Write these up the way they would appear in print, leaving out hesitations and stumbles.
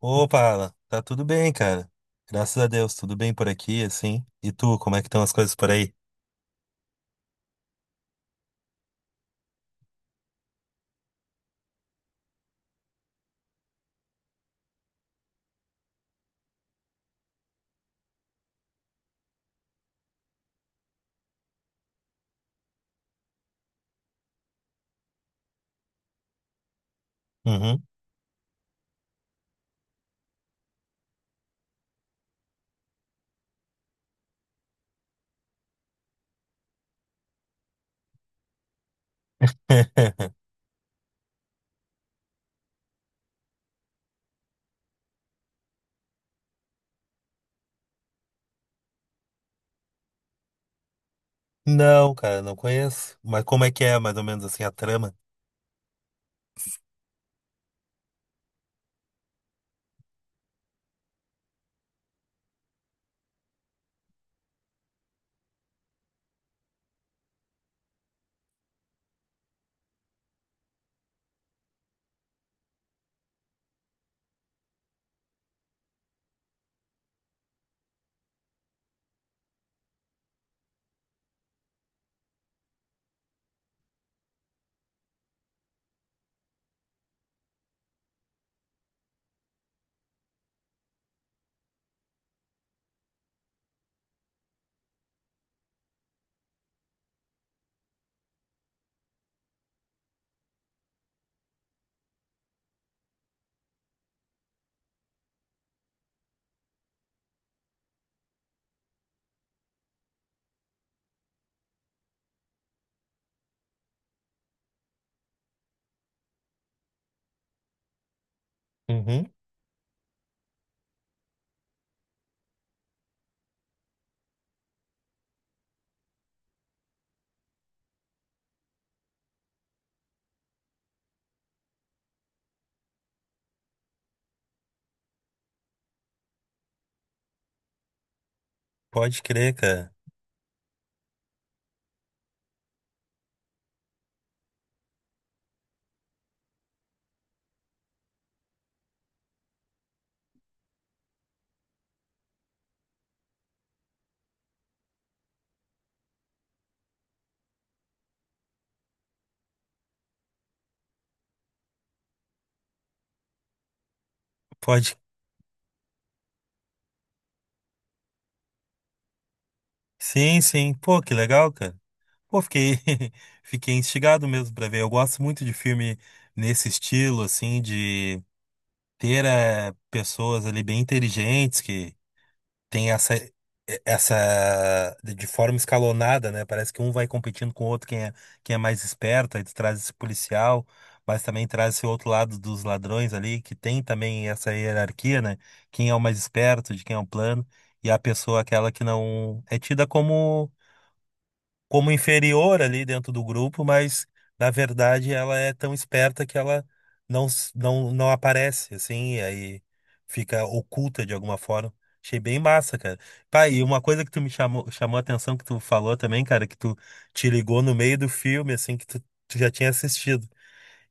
Opa, Alan, tá tudo bem, cara. Graças a Deus, tudo bem por aqui, assim. E tu, como é que estão as coisas por aí? Uhum. Não, cara, não conheço. Mas como é que é, mais ou menos assim, a trama? Uhum. Pode crer, cara. Pode. Sim, sim. Pô, que legal, cara. Pô, fiquei, fiquei instigado mesmo pra ver. Eu gosto muito de filme nesse estilo, assim, de ter pessoas ali bem inteligentes que tem essa essa de forma escalonada, né? Parece que um vai competindo com o outro quem é mais esperto, aí tu traz esse policial, mas também traz esse outro lado dos ladrões ali, que tem também essa hierarquia, né? Quem é o mais esperto, de quem é o plano, e a pessoa aquela que não é tida como como inferior ali dentro do grupo, mas na verdade ela é tão esperta que ela não aparece, assim, e aí fica oculta de alguma forma. Achei bem massa, cara. Pá, e uma coisa que tu me chamou, chamou a atenção que tu falou também, cara, que tu te ligou no meio do filme, assim, que tu já tinha assistido.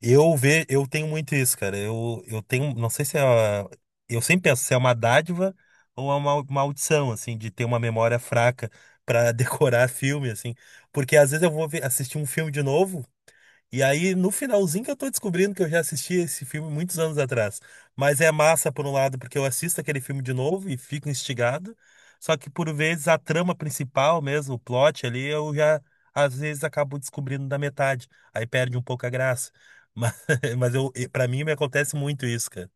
Eu tenho muito isso, cara. Eu tenho, não sei se é, eu sempre penso se é uma dádiva ou é uma maldição, assim, de ter uma memória fraca pra decorar filme, assim, porque às vezes eu assistir um filme de novo. E aí, no finalzinho que eu tô descobrindo que eu já assisti esse filme muitos anos atrás. Mas é massa, por um lado, porque eu assisto aquele filme de novo e fico instigado. Só que, por vezes, a trama principal mesmo, o plot ali, às vezes, acabo descobrindo da metade. Aí perde um pouco a graça. Mas, mas eu, para mim, me acontece muito isso, cara.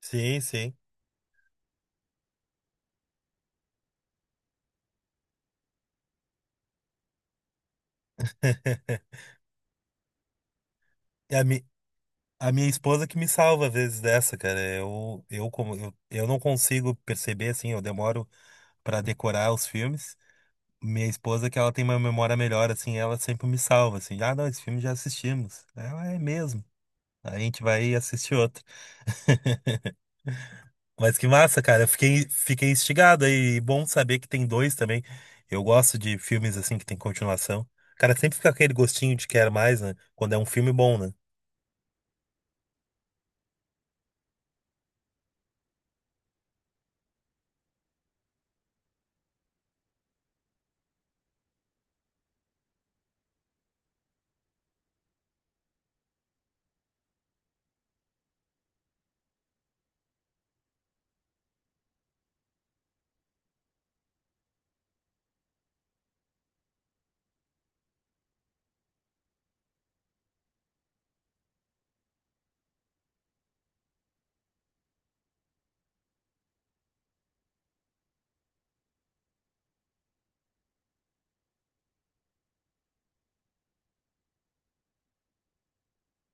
Sim, sim. E A, mi, a minha esposa que me salva às vezes dessa, cara. Eu não consigo perceber, assim, eu demoro pra decorar os filmes. Minha esposa, que ela tem uma memória melhor, assim, ela sempre me salva, assim, ah, não, esse filme já assistimos. Ela é mesmo. Aí a gente vai assistir outro. Mas que massa, cara. Fiquei instigado aí. E bom saber que tem dois também. Eu gosto de filmes assim que tem continuação. Cara, sempre fica aquele gostinho de quer mais, né? Quando é um filme bom, né?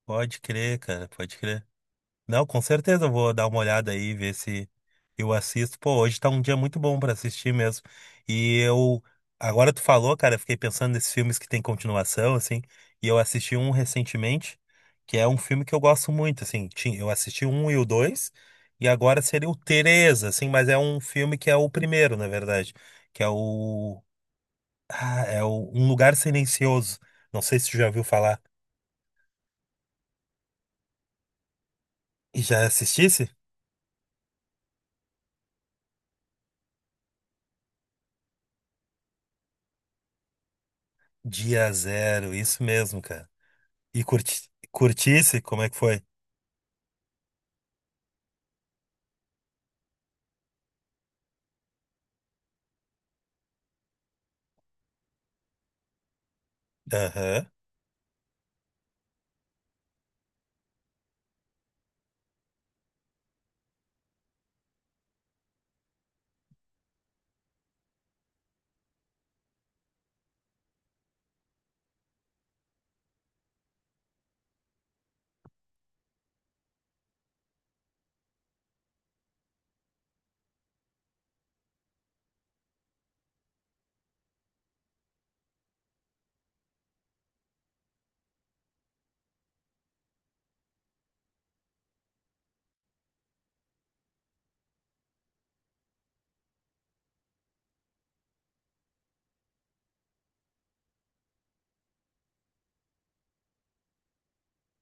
Pode crer, cara, pode crer. Não, com certeza eu vou dar uma olhada aí, ver se eu assisto. Pô, hoje tá um dia muito bom pra assistir mesmo. E eu, agora tu falou, cara, eu fiquei pensando nesses filmes que tem continuação, assim, e eu assisti um recentemente, que é um filme que eu gosto muito, assim, eu assisti o um e o dois, e agora seria o três, assim, mas é um filme que é o primeiro, na verdade, que é o, ah, é o Um Lugar Silencioso. Não sei se tu já ouviu falar. E já assistisse? Dia Zero, isso mesmo, cara. E curti curtisse, como é que foi? Aham.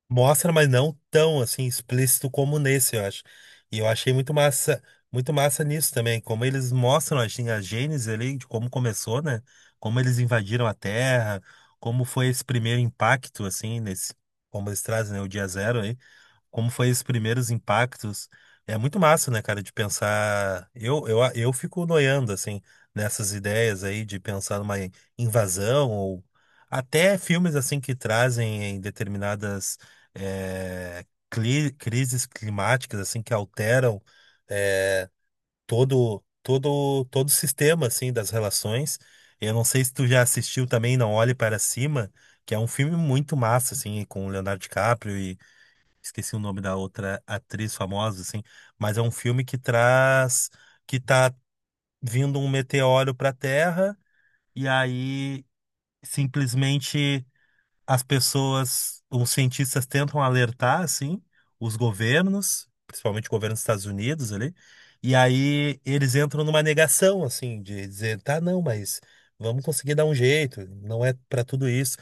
Mostra, mas não tão assim explícito como nesse, eu acho. E eu achei muito massa nisso também, como eles mostram assim, a gênese ali de como começou, né? Como eles invadiram a Terra, como foi esse primeiro impacto assim nesse, como eles trazem, né, o dia zero aí, como foi esses primeiros impactos. É muito massa, né, cara, de pensar. Eu fico noiando, assim, nessas ideias aí de pensar numa invasão, ou até filmes, assim, que trazem em determinadas eh, crises climáticas, assim, que alteram eh, todo o sistema, assim, das relações. Eu não sei se tu já assistiu também Não Olhe Para Cima, que é um filme muito massa, assim, com o Leonardo DiCaprio, esqueci o nome da outra atriz famosa, assim, mas é um filme que traz que tá vindo um meteoro pra Terra e aí simplesmente as pessoas, os cientistas tentam alertar, assim, os governos, principalmente o governo dos Estados Unidos ali, e aí eles entram numa negação, assim, de dizer, tá, não, mas vamos conseguir dar um jeito, não é para tudo isso.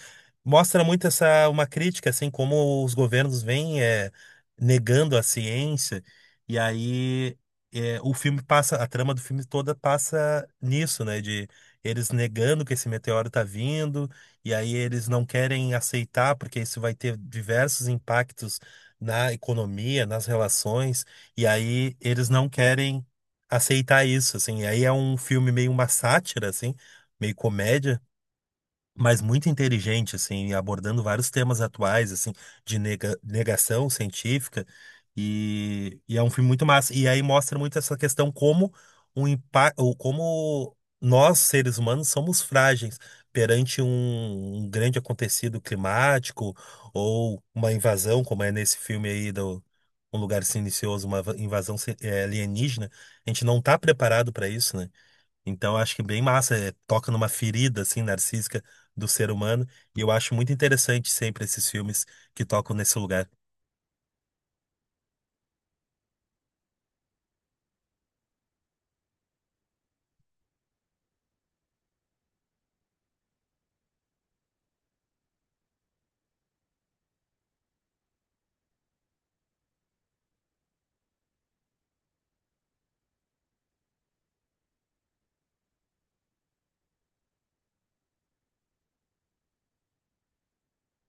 Mostra uma crítica, assim, como os governos vêm negando a ciência, e aí o filme passa, a trama do filme toda passa nisso, né, de eles negando que esse meteoro tá vindo, e aí eles não querem aceitar, porque isso vai ter diversos impactos na economia, nas relações, e aí eles não querem aceitar isso, assim. E aí é um filme meio uma sátira, assim, meio comédia, mas muito inteligente, assim, abordando vários temas atuais, assim, de negação científica, e é um filme muito massa. E aí mostra muito essa questão como o impacto, como nós, seres humanos, somos frágeis perante um grande acontecido climático ou uma invasão, como é nesse filme aí do Um Lugar Silencioso, uma invasão alienígena. A gente não está preparado para isso, né? Então, eu acho que bem massa, é, toca numa ferida assim narcísica do ser humano, e eu acho muito interessante sempre esses filmes que tocam nesse lugar.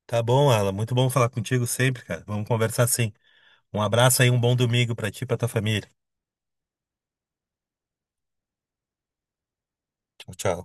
Tá bom, Alan, muito bom falar contigo sempre, cara. Vamos conversar sim. Um abraço aí, um bom domingo pra ti e pra tua família. Tchau, tchau.